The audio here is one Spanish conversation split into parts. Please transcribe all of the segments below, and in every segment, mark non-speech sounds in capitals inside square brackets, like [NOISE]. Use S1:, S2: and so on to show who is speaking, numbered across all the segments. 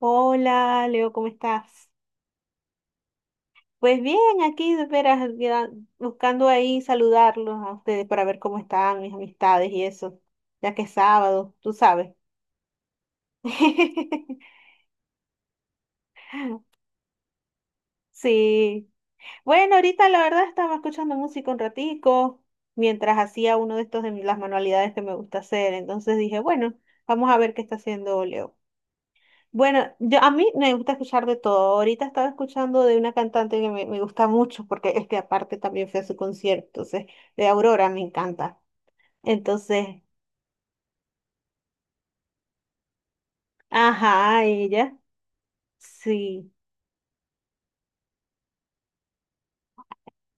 S1: Hola, Leo, ¿cómo estás? Pues bien, aquí de veras ya buscando ahí saludarlos a ustedes para ver cómo están mis amistades y eso, ya que es sábado, tú sabes. [LAUGHS] Sí. Bueno, ahorita la verdad estaba escuchando música un ratico mientras hacía uno de estos las manualidades que me gusta hacer, entonces dije, bueno, vamos a ver qué está haciendo Leo. Bueno, a mí me gusta escuchar de todo. Ahorita estaba escuchando de una cantante que me gusta mucho porque es que aparte también fue a su concierto, entonces, de Aurora me encanta. Entonces, ajá, ella, sí,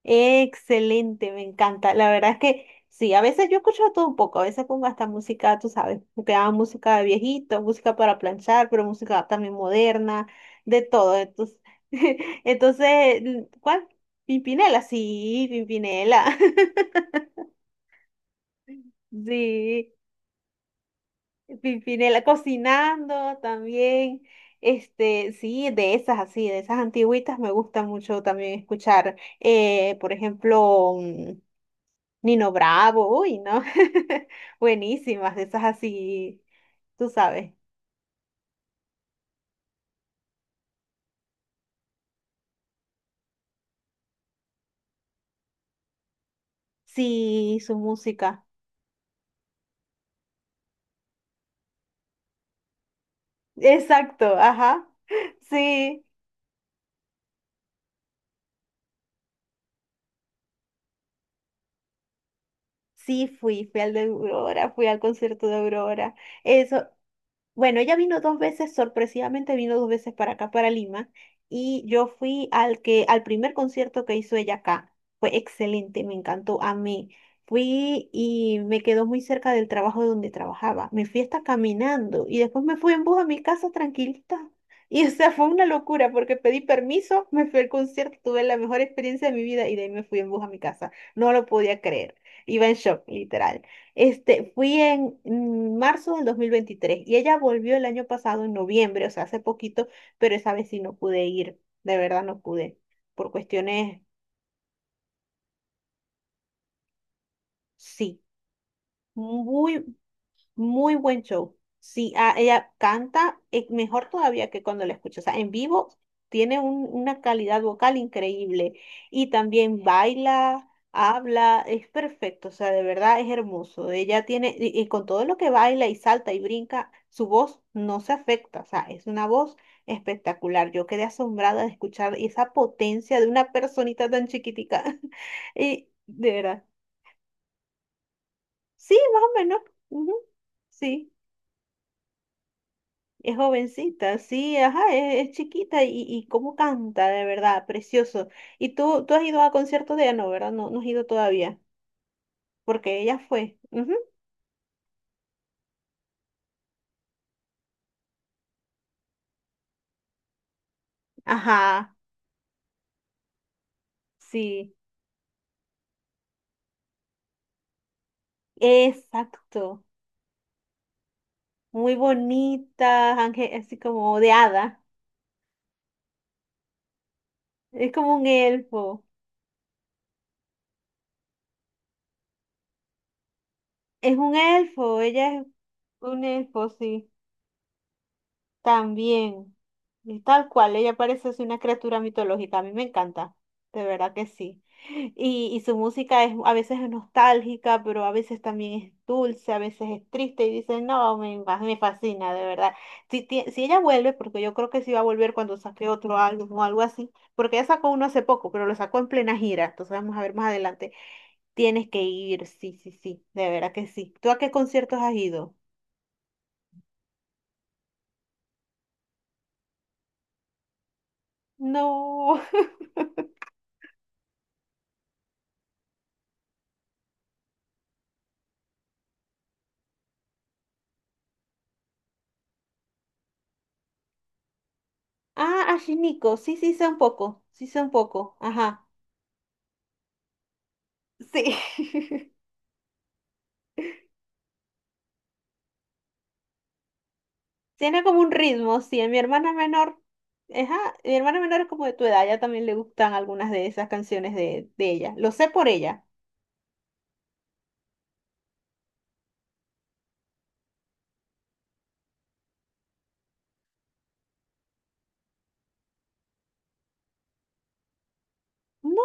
S1: excelente, me encanta. La verdad es que sí, a veces yo escucho de todo un poco, a veces pongo hasta música, tú sabes, porque hago música de viejito, música para planchar, pero música también moderna, de todo. Entonces, [LAUGHS] entonces, ¿cuál? Pimpinela, sí, Pimpinela. [LAUGHS] Sí, Pimpinela cocinando también. Sí, de esas así, de esas antigüitas me gusta mucho también escuchar. Por ejemplo, Nino Bravo, uy, ¿no? [LAUGHS] Buenísimas, de esas así, tú sabes. Sí, su música. Exacto, ajá. Sí, sí, fui al de Aurora, fui al concierto de Aurora. Eso, Bueno, ella vino dos veces, sorpresivamente vino dos veces para acá, para Lima, y yo fui al primer concierto que hizo ella acá. Fue excelente, me encantó. A mí Fui y me quedó muy cerca del trabajo donde trabajaba. Me fui hasta caminando y después me fui en bus a mi casa tranquilita. [LAUGHS] Y o sea, fue una locura porque pedí permiso, me fui al concierto, tuve la mejor experiencia de mi vida y de ahí me fui en bus a mi casa. No lo podía creer. Iba en shock, literal. Fui en marzo del 2023 y ella volvió el año pasado en noviembre, o sea, hace poquito, pero esa vez sí no pude ir, de verdad no pude, por cuestiones, sí, muy muy buen show. Sí, ah, ella canta mejor todavía que cuando la escucho. O sea, en vivo tiene una calidad vocal increíble y también baila, habla, es perfecto. O sea, de verdad es hermoso. Ella tiene, y con todo lo que baila y salta y brinca, su voz no se afecta. O sea, es una voz espectacular. Yo quedé asombrada de escuchar esa potencia de una personita tan chiquitica. [LAUGHS] Y de verdad. Sí, más o menos. Ujú, sí. Es jovencita, sí, ajá, es chiquita y cómo canta, de verdad, precioso. Y tú has ido a conciertos de ella, no, ¿verdad? No, no has ido todavía, porque ella fue. Ujú. Ajá, sí, exacto. Muy bonita, ángel, así como de hada. Es como un elfo. Es un elfo, ella es un elfo, sí. También, y tal cual, ella parece así una criatura mitológica, a mí me encanta, de verdad que sí. Y su música es a veces es nostálgica, pero a veces también es dulce, a veces es triste y dicen, no, me fascina, de verdad. Si ella vuelve, porque yo creo que sí va a volver cuando saque otro álbum o algo así, porque ella sacó uno hace poco, pero lo sacó en plena gira, entonces vamos a ver más adelante. Tienes que ir, sí, sí, sí, de verdad que sí. ¿Tú a qué conciertos has ido? No. Ah, ashinico, sí, sí sí sé un poco, sí sé un poco, ajá, sí. [LAUGHS] Tiene como un ritmo, sí, a mi hermana menor, ajá, mi hermana menor es como de tu edad, ya también le gustan algunas de esas canciones de ella, lo sé por ella. No,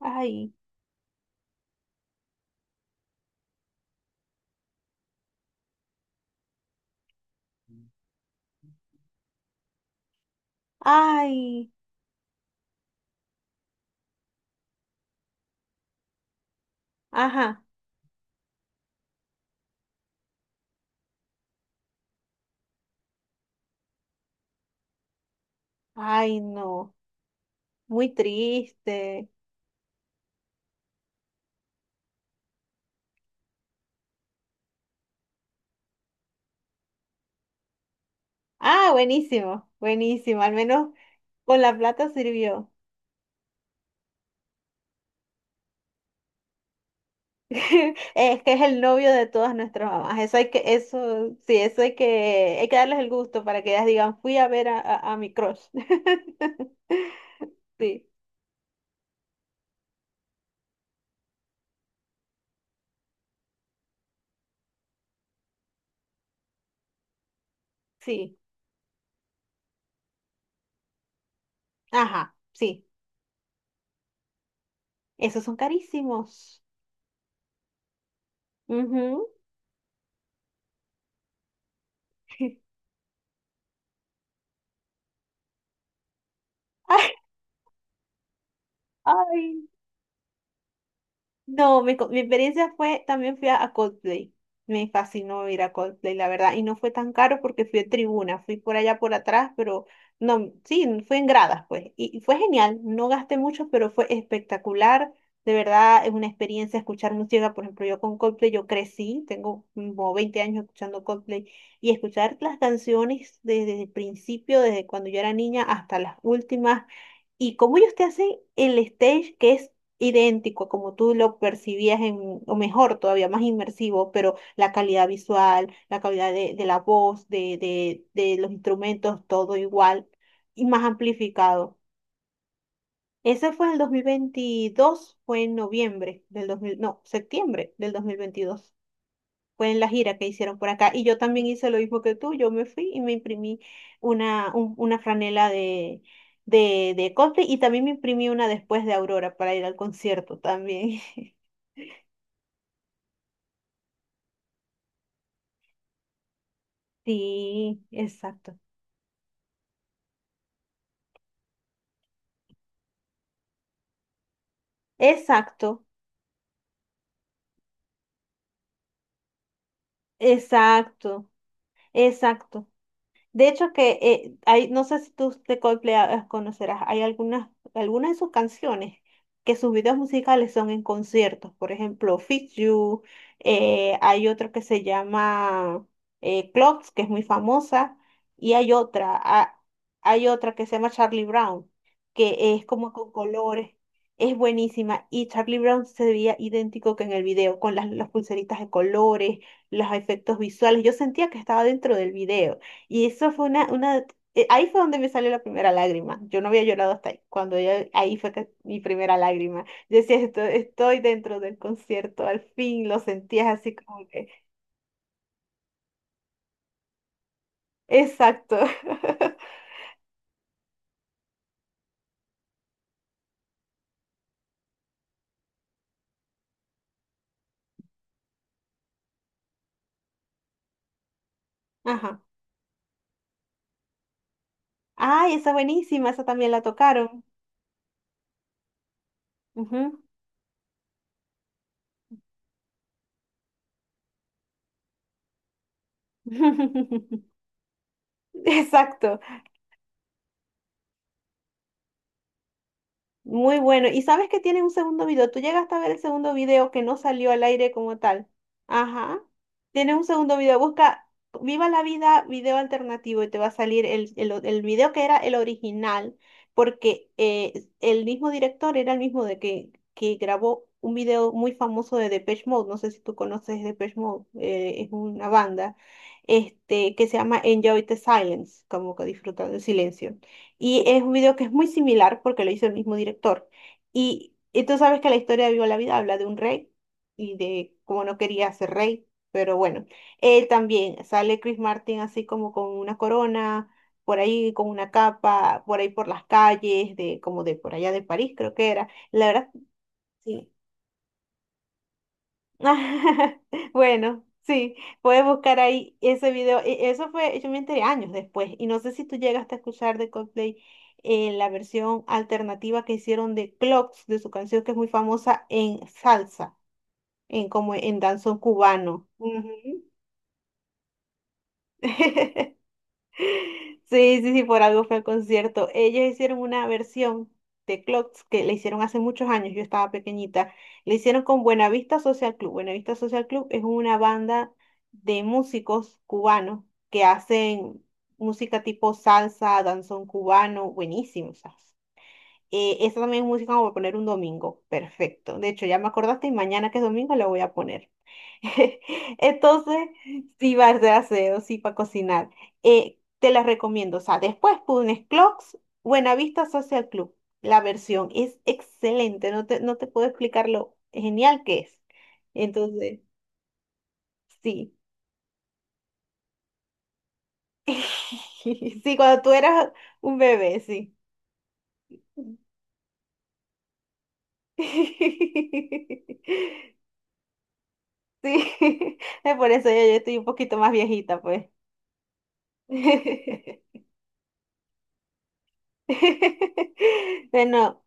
S1: ay, ay, ajá, ay, no, muy triste. Ah, buenísimo, buenísimo, al menos con la plata sirvió. [LAUGHS] Es que es el novio de todas nuestras mamás. Eso hay que, eso, sí, eso hay que darles el gusto para que ellas digan, fui a ver a mi crush. [LAUGHS] Sí, sí, ajá, sí. Esos son carísimos. Ujú. [LAUGHS] Ay, no, mi experiencia fue, también fui a Coldplay. Me fascinó ir a Coldplay, la verdad. Y no fue tan caro porque fui a tribuna, fui por allá por atrás, pero no, sí, fue en gradas, pues. Y fue genial, no gasté mucho, pero fue espectacular. De verdad, es una experiencia escuchar música. Por ejemplo, yo con Coldplay, yo crecí, tengo como 20 años escuchando Coldplay. Y escuchar las canciones desde el principio, desde cuando yo era niña hasta las últimas. Y cómo ellos te hacen el stage que es idéntico como tú lo percibías en, o mejor, todavía más inmersivo, pero la calidad visual, la calidad de la voz, de los instrumentos, todo igual y más amplificado. Ese fue en el 2022, fue en noviembre del dos mil, no, septiembre del 2022. Fue en la gira que hicieron por acá. Y yo también hice lo mismo que tú. Yo me fui y me imprimí una franela de Coldplay y también me imprimí una después de Aurora para ir al concierto también. [LAUGHS] Sí, exacto. Exacto, exacto, exacto. De hecho que hay, no sé si tú de Coldplay ah, conocerás, hay algunas de sus canciones que sus videos musicales son en conciertos. Por ejemplo, Fix You, hay otro que se llama Clocks, que es muy famosa, y hay otra que se llama Charlie Brown, que es como con colores, es buenísima. Y Charlie Brown se veía idéntico que en el video, con las pulseritas de colores, los efectos visuales. Yo sentía que estaba dentro del video. Y eso fue una, ahí fue donde me salió la primera lágrima. Yo no había llorado hasta ahí. Cuando ella, ahí fue que- mi primera lágrima. Yo decía, estoy dentro del concierto, al fin lo sentías así como que," exacto. [LAUGHS] Ajá. Ay, esa buenísima, esa también la tocaron. Ujú. [LAUGHS] Exacto. Muy bueno. Y sabes que tiene un segundo video. Tú llegaste a ver el segundo video que no salió al aire como tal. Ajá. Tiene un segundo video. Busca Viva la Vida video alternativo y te va a salir el video que era el original, porque el mismo director era el mismo que grabó un video muy famoso de Depeche Mode. No sé si tú conoces Depeche Mode. Es una banda que se llama Enjoy the Silence, como que disfruta del silencio. Y es un video que es muy similar porque lo hizo el mismo director. Y tú sabes que la historia de Viva la Vida habla de un rey y de cómo no quería ser rey, pero bueno, él también sale Chris Martin así como con una corona, por ahí con una capa, por ahí por las calles, de como de por allá de París creo que era. La verdad, sí. [LAUGHS] Bueno, sí, puedes buscar ahí ese video. Eso fue, yo me enteré años después y no sé si tú llegaste a escuchar de Coldplay la versión alternativa que hicieron de Clocks, de su canción que es muy famosa en salsa, en como en danzón cubano. Ujú. [LAUGHS] Sí, sí, sí, por algo fue el concierto. Ellos hicieron una versión de Clocks que le hicieron hace muchos años, yo estaba pequeñita. Le hicieron con Buenavista Social Club. Buenavista Social Club es una banda de músicos cubanos que hacen música tipo salsa, danzón cubano, buenísimo, o sea. Esa también es música como para poner un domingo, perfecto. De hecho, ya me acordaste y mañana que es domingo la voy a poner. [LAUGHS] Entonces, sí va a hacer aseo, sí para cocinar. Te las recomiendo. O sea, después pones Clocks, Buenavista Social Club. La versión es excelente. No te puedo explicar lo genial que es. Entonces, sí. [LAUGHS] Sí, cuando tú eras un bebé, sí. [LAUGHS] Sí. [LAUGHS] Es por eso yo estoy un poquito más viejita, pues. [LAUGHS] Bueno,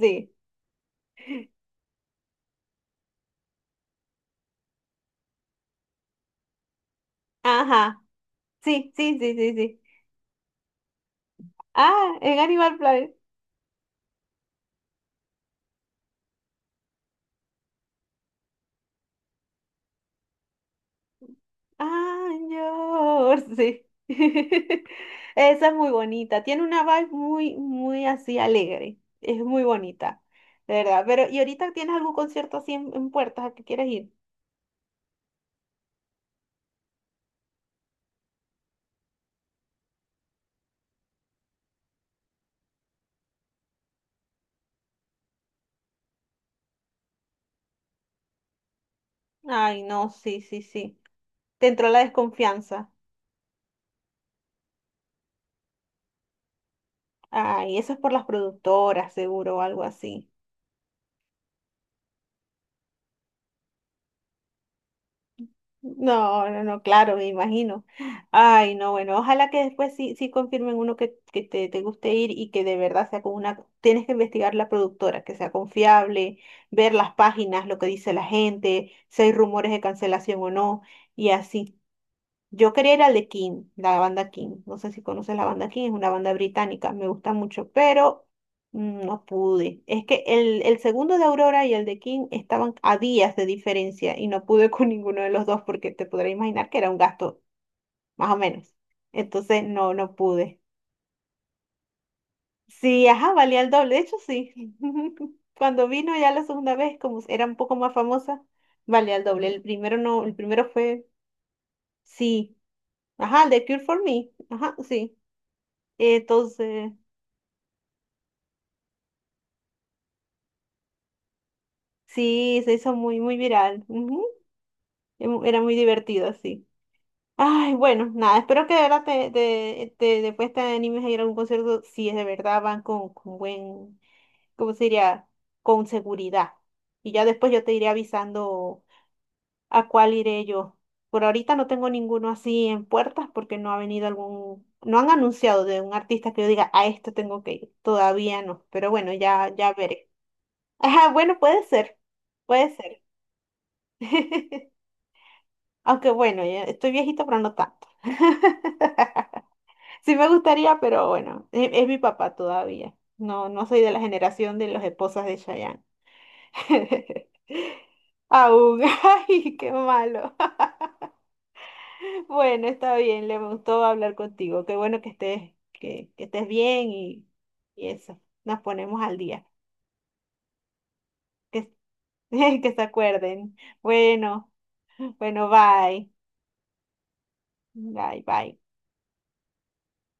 S1: sí. Ajá. Sí, sí, sí, sí, sí. Ah, en Animal Planet. Ah, años, sí. [LAUGHS] Esa es muy bonita. Tiene una vibe muy, muy así alegre. Es muy bonita, de verdad. Pero, ¿y ahorita tienes algún concierto así en puertas a que quieres ir? Ay, no, sí, sí, sí. Te entró la desconfianza. Ay, eso es por las productoras, seguro, o algo así. No, no, no, claro, me imagino. Ay, no, bueno, ojalá que después sí, sí confirmen uno que te guste ir y que de verdad sea con una... Tienes que investigar la productora, que sea confiable, ver las páginas, lo que dice la gente, si hay rumores de cancelación o no, y así. Yo quería ir al de King, la banda King. No sé si conoces la banda King, es una banda británica, me gusta mucho, pero no pude. Es que el segundo de Aurora y el de King estaban a días de diferencia y no pude [LAUGHS] con ninguno de los dos porque te podrás imaginar que era un gasto, más o menos. Entonces, no, no pude. Sí, ajá, valía el doble, de hecho sí. [LAUGHS] Cuando vino ya la segunda vez, como era un poco más famosa, valía el doble. El primero no, el primero fue, sí, ajá, el de Cure for Me, ajá, sí. Entonces, sí, se hizo muy, muy viral. Ujú. Era muy divertido, así. Ay, bueno, nada, espero que de verdad después te animes a ir a algún concierto, si es de verdad van con buen, ¿cómo se diría? Con seguridad. Y ya después yo te iré avisando a cuál iré yo. Por ahorita no tengo ninguno así en puertas porque no ha venido algún, no han anunciado de un artista que yo diga, a esto tengo que ir. Todavía no, pero bueno, ya, ya veré. Ajá, bueno, puede ser. Puede ser. [LAUGHS] Aunque bueno, ya estoy viejito, pero no tanto. [LAUGHS] Sí me gustaría, pero bueno, es, mi papá todavía. No, no soy de la generación de las esposas de Chayanne. [LAUGHS] Aún, [LAUGHS] ay, qué malo. [LAUGHS] Bueno, está bien, le gustó hablar contigo. Qué bueno que estés, que estés bien y eso. Nos ponemos al día. Que, [LAUGHS] que se acuerden. Bueno, bueno, bye. Bye, bye.